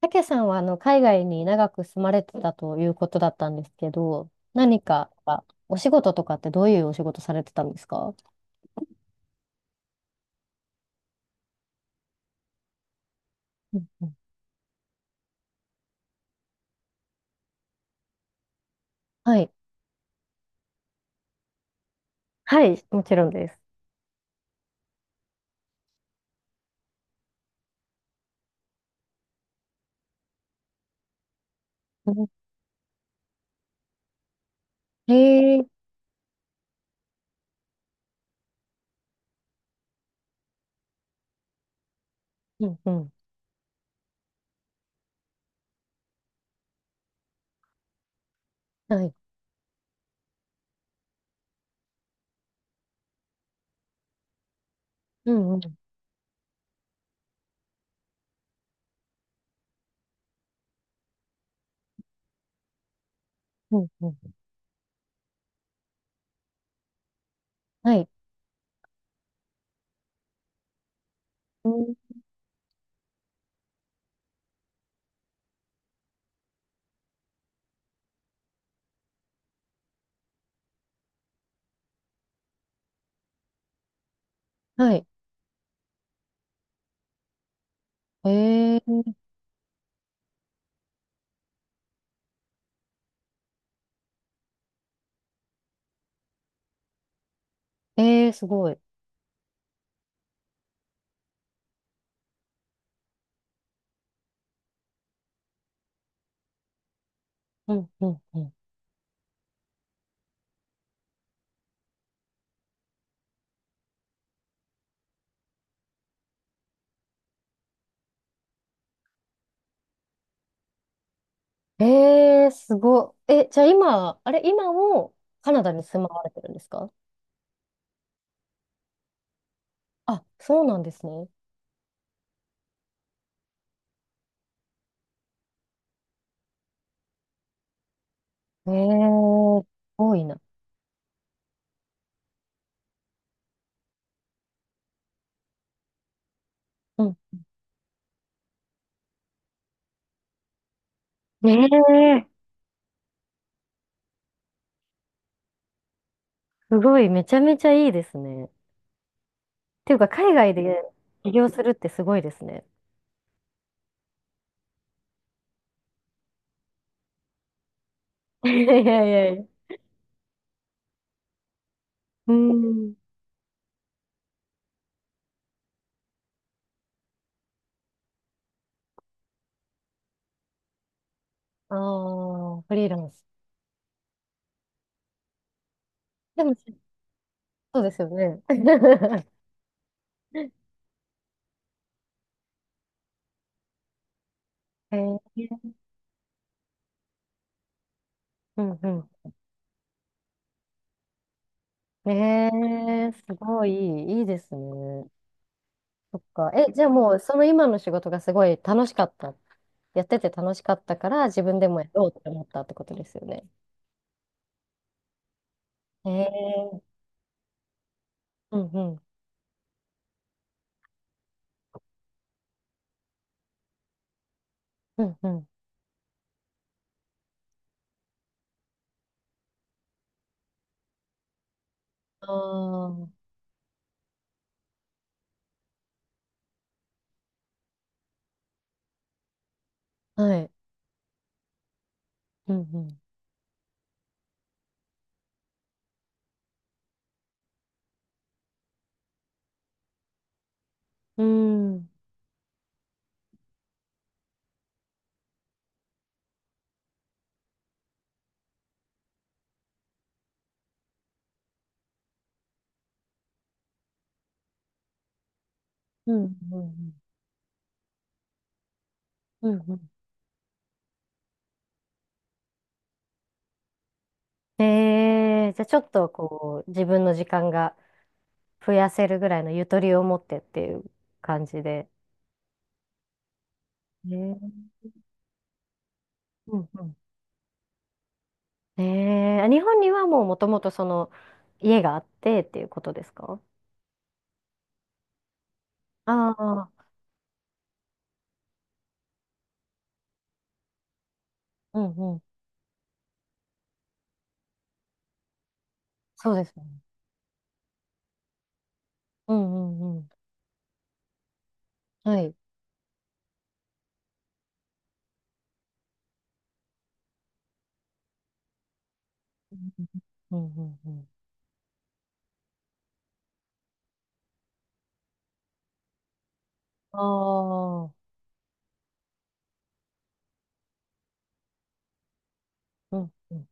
たけさんは海外に長く住まれてたということだったんですけど、何かお仕事とかってどういうお仕事されてたんですか？うんうん。はい。はい、もちろんです。うん。へえ。うんうん。はい。うんうん。うん。うん。はい。うん。はい。へえ。えー、すごい。うんうんうん。えー、すごい。え、じゃあ今、あれ、今もカナダに住まわれてるんですか？あ、そうなんですね。えー、すごいな。うん。ねえ。すごい、めちゃめちゃいいですね。っていうか、海外で起業するってすごいですね。いやいやいや。うん。ああ、フリーランス。でも、そうですよね。えー、うんうん。えー、すごいいい、いいですね。そっか。え、じゃあもう、その今の仕事がすごい楽しかった。やってて楽しかったから、自分でもやろうって思ったってことですよね。えー、うんうん。うんうん。ああ、はい。うんうん。うん。うん。うん。うん。うん。えー、じゃあちょっとこう、自分の時間が増やせるぐらいのゆとりを持ってっていう感じで。ね。うんうん。えー、日本にはもうもともとその、家があってっていうことですか？ああー、うんうん。そうですね。うんうんうん。はい。うんうんうん。ああー、うんうん。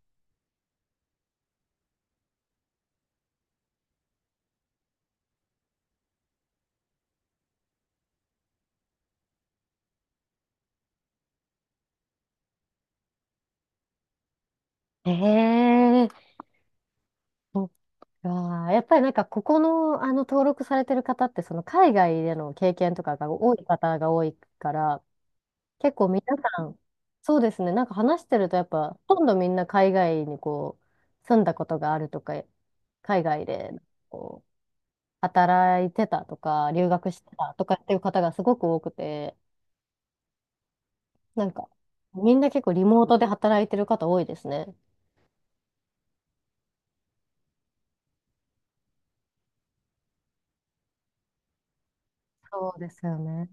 ええ。ああ、やっぱりなんか、ここの、登録されてる方って、その、海外での経験とかが多い方が多いから、結構皆さん、そうですね、なんか話してると、やっぱ、ほとんどみんな海外にこう、住んだことがあるとか、海外で、こう、働いてたとか、留学してたとかっていう方がすごく多くて、なんか、みんな結構リモートで働いてる方多いですね。そうですよね。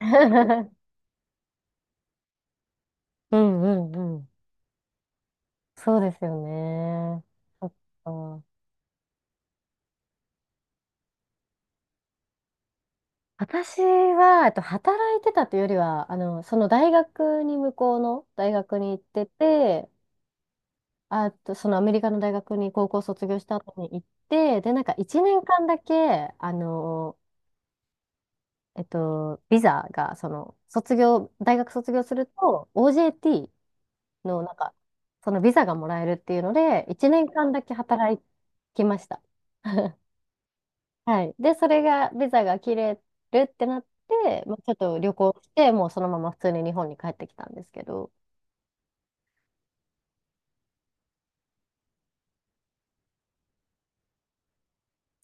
うんうんうん。そうですよね。そっか。私は、働いてたというよりは、その大学に向こうの大学に行ってて、あと、そのアメリカの大学に高校卒業した後に行って、で、なんか1年間だけ、ビザが、大学卒業すると、OJT の、なんか、そのビザがもらえるっていうので、1年間だけ働きました。はい。で、それが、ビザが切れるってなって、まあ、ちょっと旅行して、もうそのまま普通に日本に帰ってきたんですけど、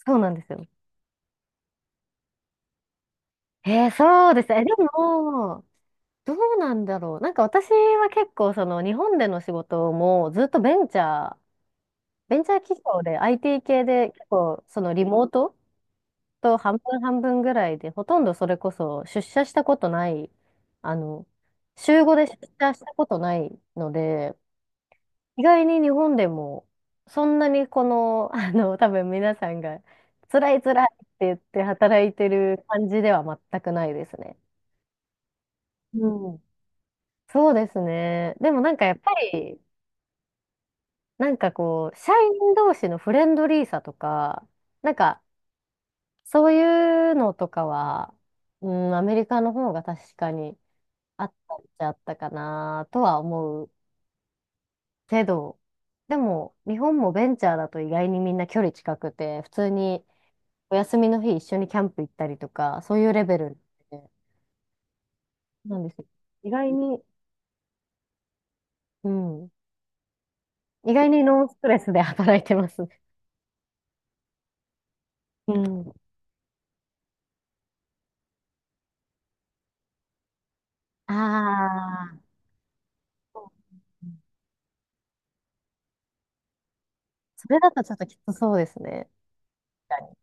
そうなんですよ。えー、そうですね。え、でも、どうなんだろう。なんか私は結構、その日本での仕事もずっとベンチャー企業で IT 系で結構、そのリモートと半分半分ぐらいで、ほとんどそれこそ出社したことない、あの、週5で出社したことないので、意外に日本でも、そんなにこの、多分皆さんが、辛い辛いって言って働いてる感じでは全くないですね。うん。そうですね。でもなんかやっぱり、なんかこう、社員同士のフレンドリーさとか、なんか、そういうのとかは、うん、アメリカの方が確かにあったっちゃあったかなとは思うけど、でも、日本もベンチャーだと意外にみんな距離近くて、普通に、お休みの日一緒にキャンプ行ったりとか、そういうレベルでなんですよ。意外に、うん。意外にノンストレスで働いてますね。うん。ああ、そう。それだとちょっときつそうですね。確かに。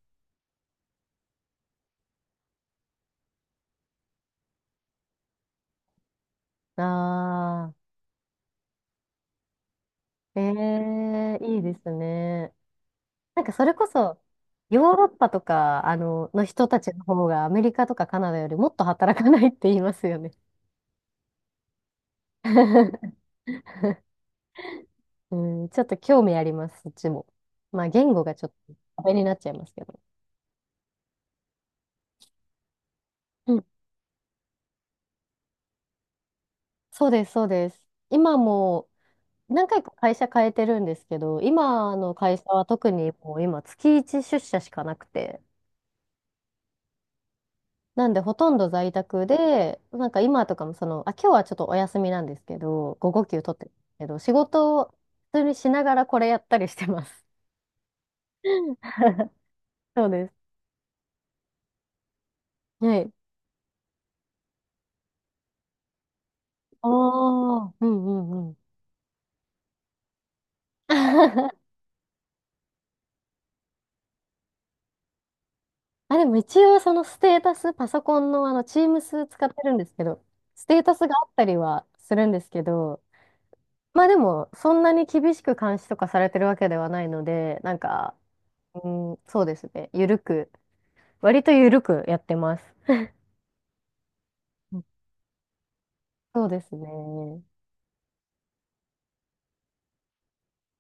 ああ、ええ、いいですね。なんかそれこそ、ヨーロッパとか、の人たちの方がアメリカとかカナダよりもっと働かないって言いますよね。うん、ちょっと興味あります、そっちも。まあ言語がちょっと壁になっちゃいますけど。うん、そうです、そうです。今も何回か会社変えてるんですけど、今の会社は特にもう今月1出社しかなくて、なんでほとんど在宅で、なんか今とかもその、あ、今日はちょっとお休みなんですけど、午後休取ってるんですけど、仕事を普通にしながらこれやったりしてます。そうです。はい。ああ、うんうんうん。あ、でも一応そのステータス、パソコンのTeams 使ってるんですけど、ステータスがあったりはするんですけど、まあでも、そんなに厳しく監視とかされてるわけではないので、なんか、うん、そうですね。ゆるく、割とゆるくやってます。うん。そうですね。